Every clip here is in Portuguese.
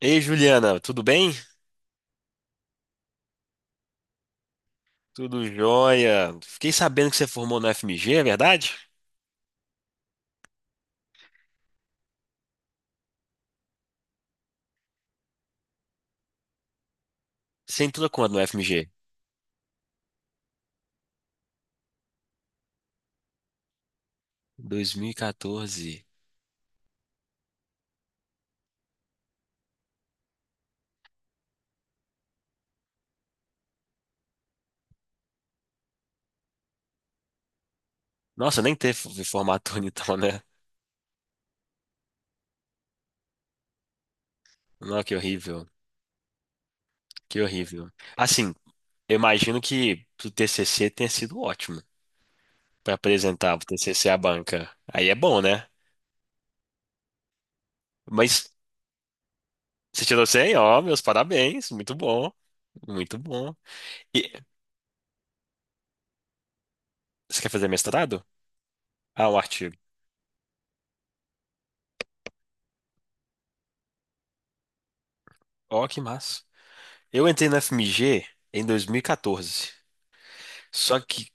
Ei, Juliana, tudo bem? Tudo jóia. Fiquei sabendo que você formou no FMG, é verdade? Você entrou quando no FMG? 2014. Nossa, nem teve formatura então, né? Não, que horrível. Que horrível. Assim, eu imagino que o TCC tenha sido ótimo para apresentar o TCC à banca. Aí é bom, né? Mas você tirou 100, ó, meus parabéns. Muito bom. Muito bom. E você quer fazer mestrado? Ah, o artigo. Ó, que massa. Eu entrei na FMG em 2014. Só que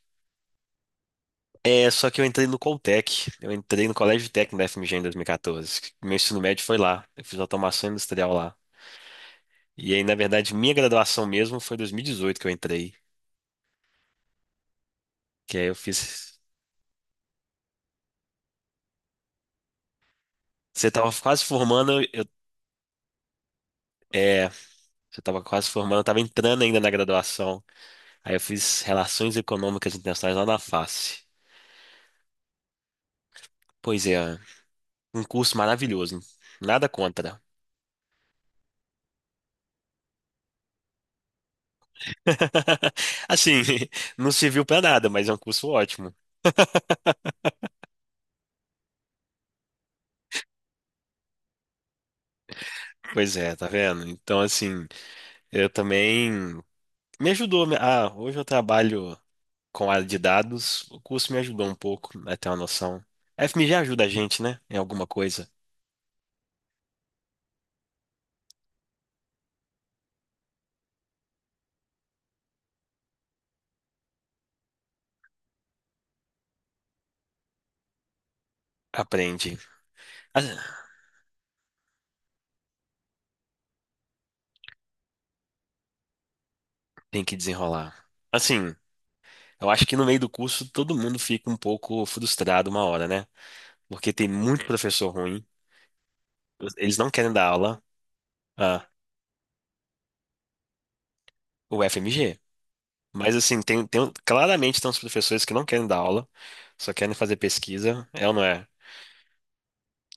só que eu entrei no Coltec. Eu entrei no Colégio Técnico da FMG em 2014. Meu ensino médio foi lá. Eu fiz automação industrial lá. E aí, na verdade, minha graduação mesmo foi em 2018 que eu entrei. Que aí eu fiz. Você tava quase formando, eu, é, você tava quase formando, eu tava entrando ainda na graduação. Aí eu fiz Relações Econômicas Internacionais lá na FACE. Pois é, um curso maravilhoso, hein? Nada contra. Assim, não serviu pra nada, mas é um curso ótimo. Pois é, tá vendo? Então, assim, eu também me ajudou. Ah, hoje eu trabalho com área de dados. O curso me ajudou um pouco a ter uma noção. A FMG ajuda a gente, né? Em alguma coisa. Aprende. Ah, tem que desenrolar. Assim, eu acho que no meio do curso todo mundo fica um pouco frustrado uma hora, né? Porque tem muito professor ruim. Eles não querem dar aula. Ah, o FMG. Mas assim, claramente tem uns professores que não querem dar aula, só querem fazer pesquisa, é ou não é?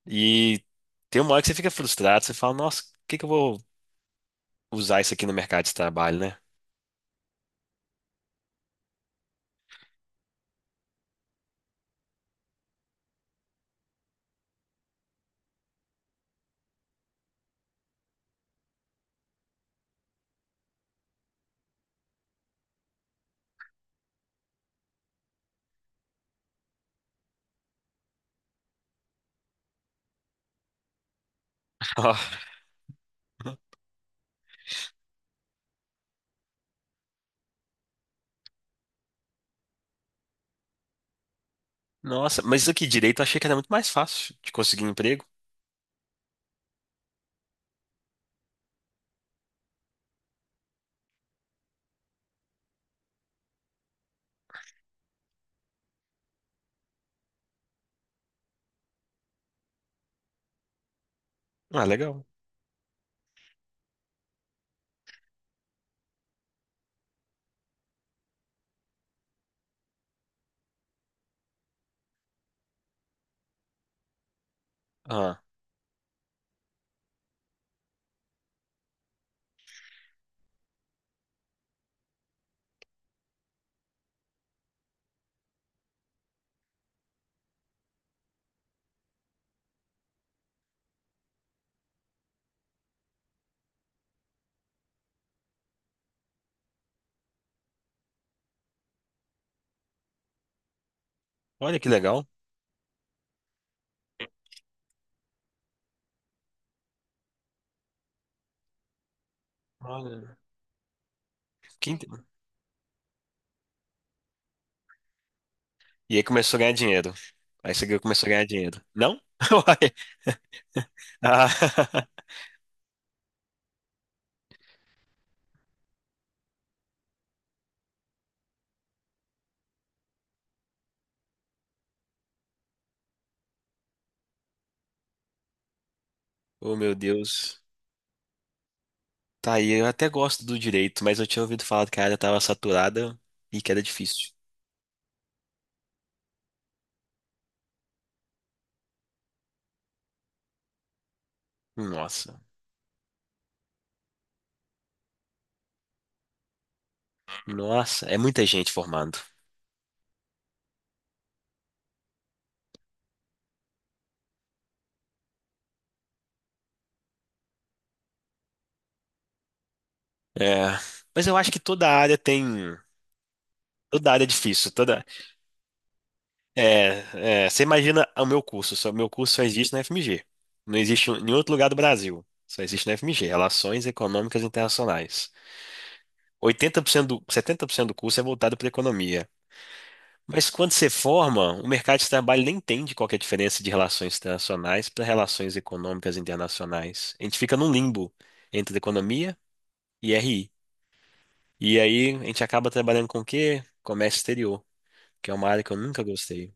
E tem uma hora que você fica frustrado, você fala, nossa, o que que eu vou usar isso aqui no mercado de trabalho, né? Ó, nossa, mas isso aqui direito eu achei que era muito mais fácil de conseguir emprego. Ah, legal. Ah, olha que legal. Olha. Que inte- E aí começou a ganhar dinheiro. Aí você começou a ganhar dinheiro. Não? Uai. Ah, oh meu Deus. Tá aí, eu até gosto do direito, mas eu tinha ouvido falar que a área tava saturada e que era difícil. Nossa, nossa, é muita gente formando. É, mas eu acho que toda área tem, toda área é difícil, toda. É, você imagina o meu curso só existe na FMG. Não existe em nenhum outro lugar do Brasil. Só existe na FMG, Relações Econômicas Internacionais. 80% do, 70% do curso é voltado para economia. Mas quando você forma, o mercado de trabalho nem entende qual que é a diferença de relações internacionais para relações econômicas internacionais. A gente fica num limbo entre economia e RI. E aí a gente acaba trabalhando com o quê? Comércio exterior, que é uma área que eu nunca gostei.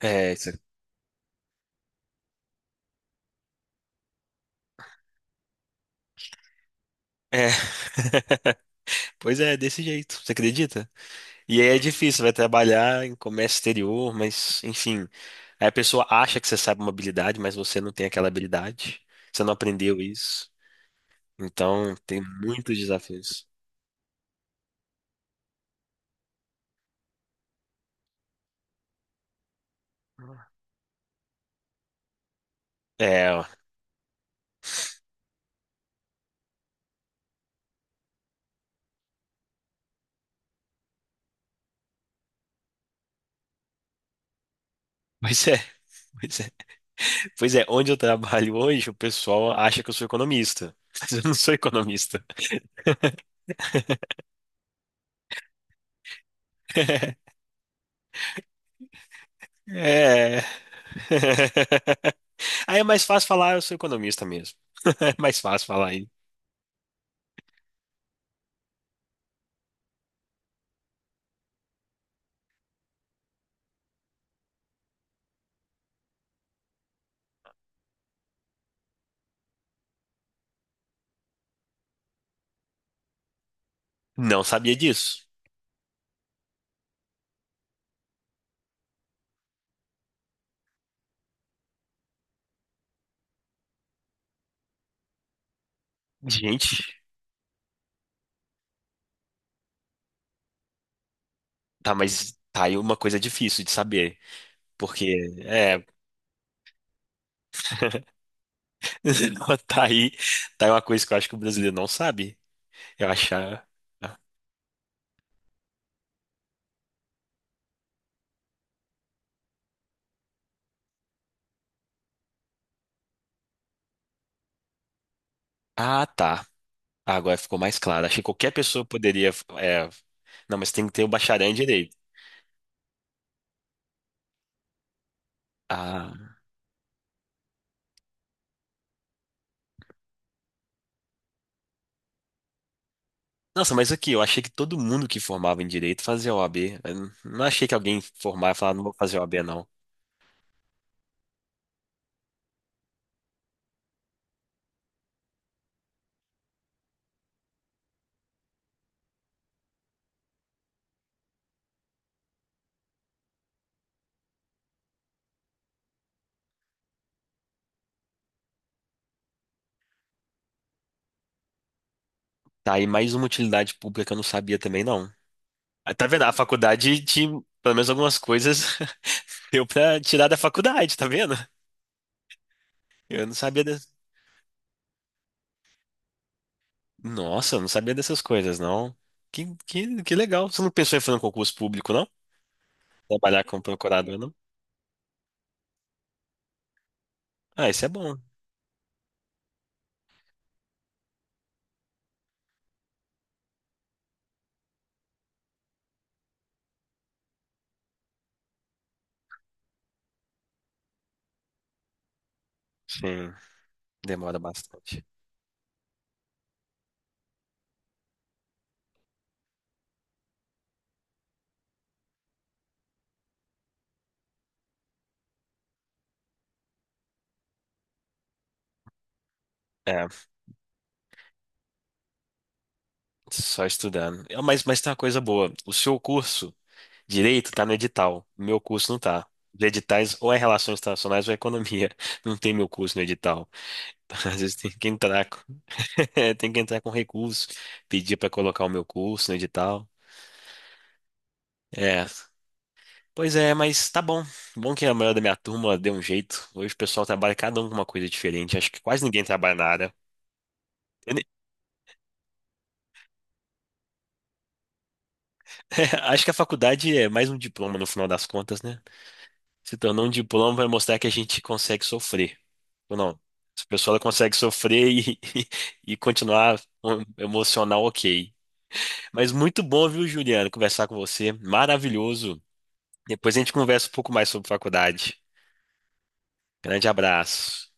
É, isso é. Pois é, desse jeito, você acredita? E aí é difícil, vai trabalhar em comércio exterior, mas enfim. Aí a pessoa acha que você sabe uma habilidade, mas você não tem aquela habilidade. Você não aprendeu isso. Então, tem muitos desafios. É, ó. Pois é, pois é. Pois é, onde eu trabalho hoje, o pessoal acha que eu sou economista. Mas eu não sou economista. É. Aí é mais fácil falar, eu sou economista mesmo. É mais fácil falar aí. Não sabia disso. Gente, tá, mas tá aí uma coisa difícil de saber. Porque, é, tá aí, tá aí uma coisa que eu acho que o brasileiro não sabe. Eu achar. Ah, tá. Ah, agora ficou mais claro. Achei que qualquer pessoa poderia. É, não, mas tem que ter o bacharel em direito. Ah. Nossa, mas aqui, eu achei que todo mundo que formava em direito fazia OAB. Não achei que alguém formava e falava, não vou fazer o OAB, não. Tá aí mais uma utilidade pública que eu não sabia também, não. Ah, tá vendo? Pelo menos algumas coisas deu pra tirar da faculdade, tá vendo? Eu não sabia des... Nossa, eu não sabia dessas coisas, não. Que legal. Você não pensou em fazer um concurso público, não? Trabalhar como procurador, não? Ah, isso é bom. Sim. Demora bastante. É, só estudando. É, Mas tem uma coisa boa. O seu curso direito tá no edital. O meu curso não tá. Os editais ou é Relações Internacionais ou é Economia. Não tem meu curso no edital. Às vezes tem que entrar com, tem que entrar com recurso, pedir para colocar o meu curso no edital. É. Pois é, mas tá bom. Bom que a maioria da minha turma deu um jeito. Hoje o pessoal trabalha cada um com uma coisa diferente. Acho que quase ninguém trabalha na área. Eu nem- Acho que a faculdade é mais um diploma no final das contas, né? Se tornou um diploma, vai mostrar que a gente consegue sofrer. Ou não. Essa pessoa ela consegue sofrer e, e continuar um- emocional, ok. Mas muito bom, viu, Juliano, conversar com você. Maravilhoso. Depois a gente conversa um pouco mais sobre faculdade. Grande abraço.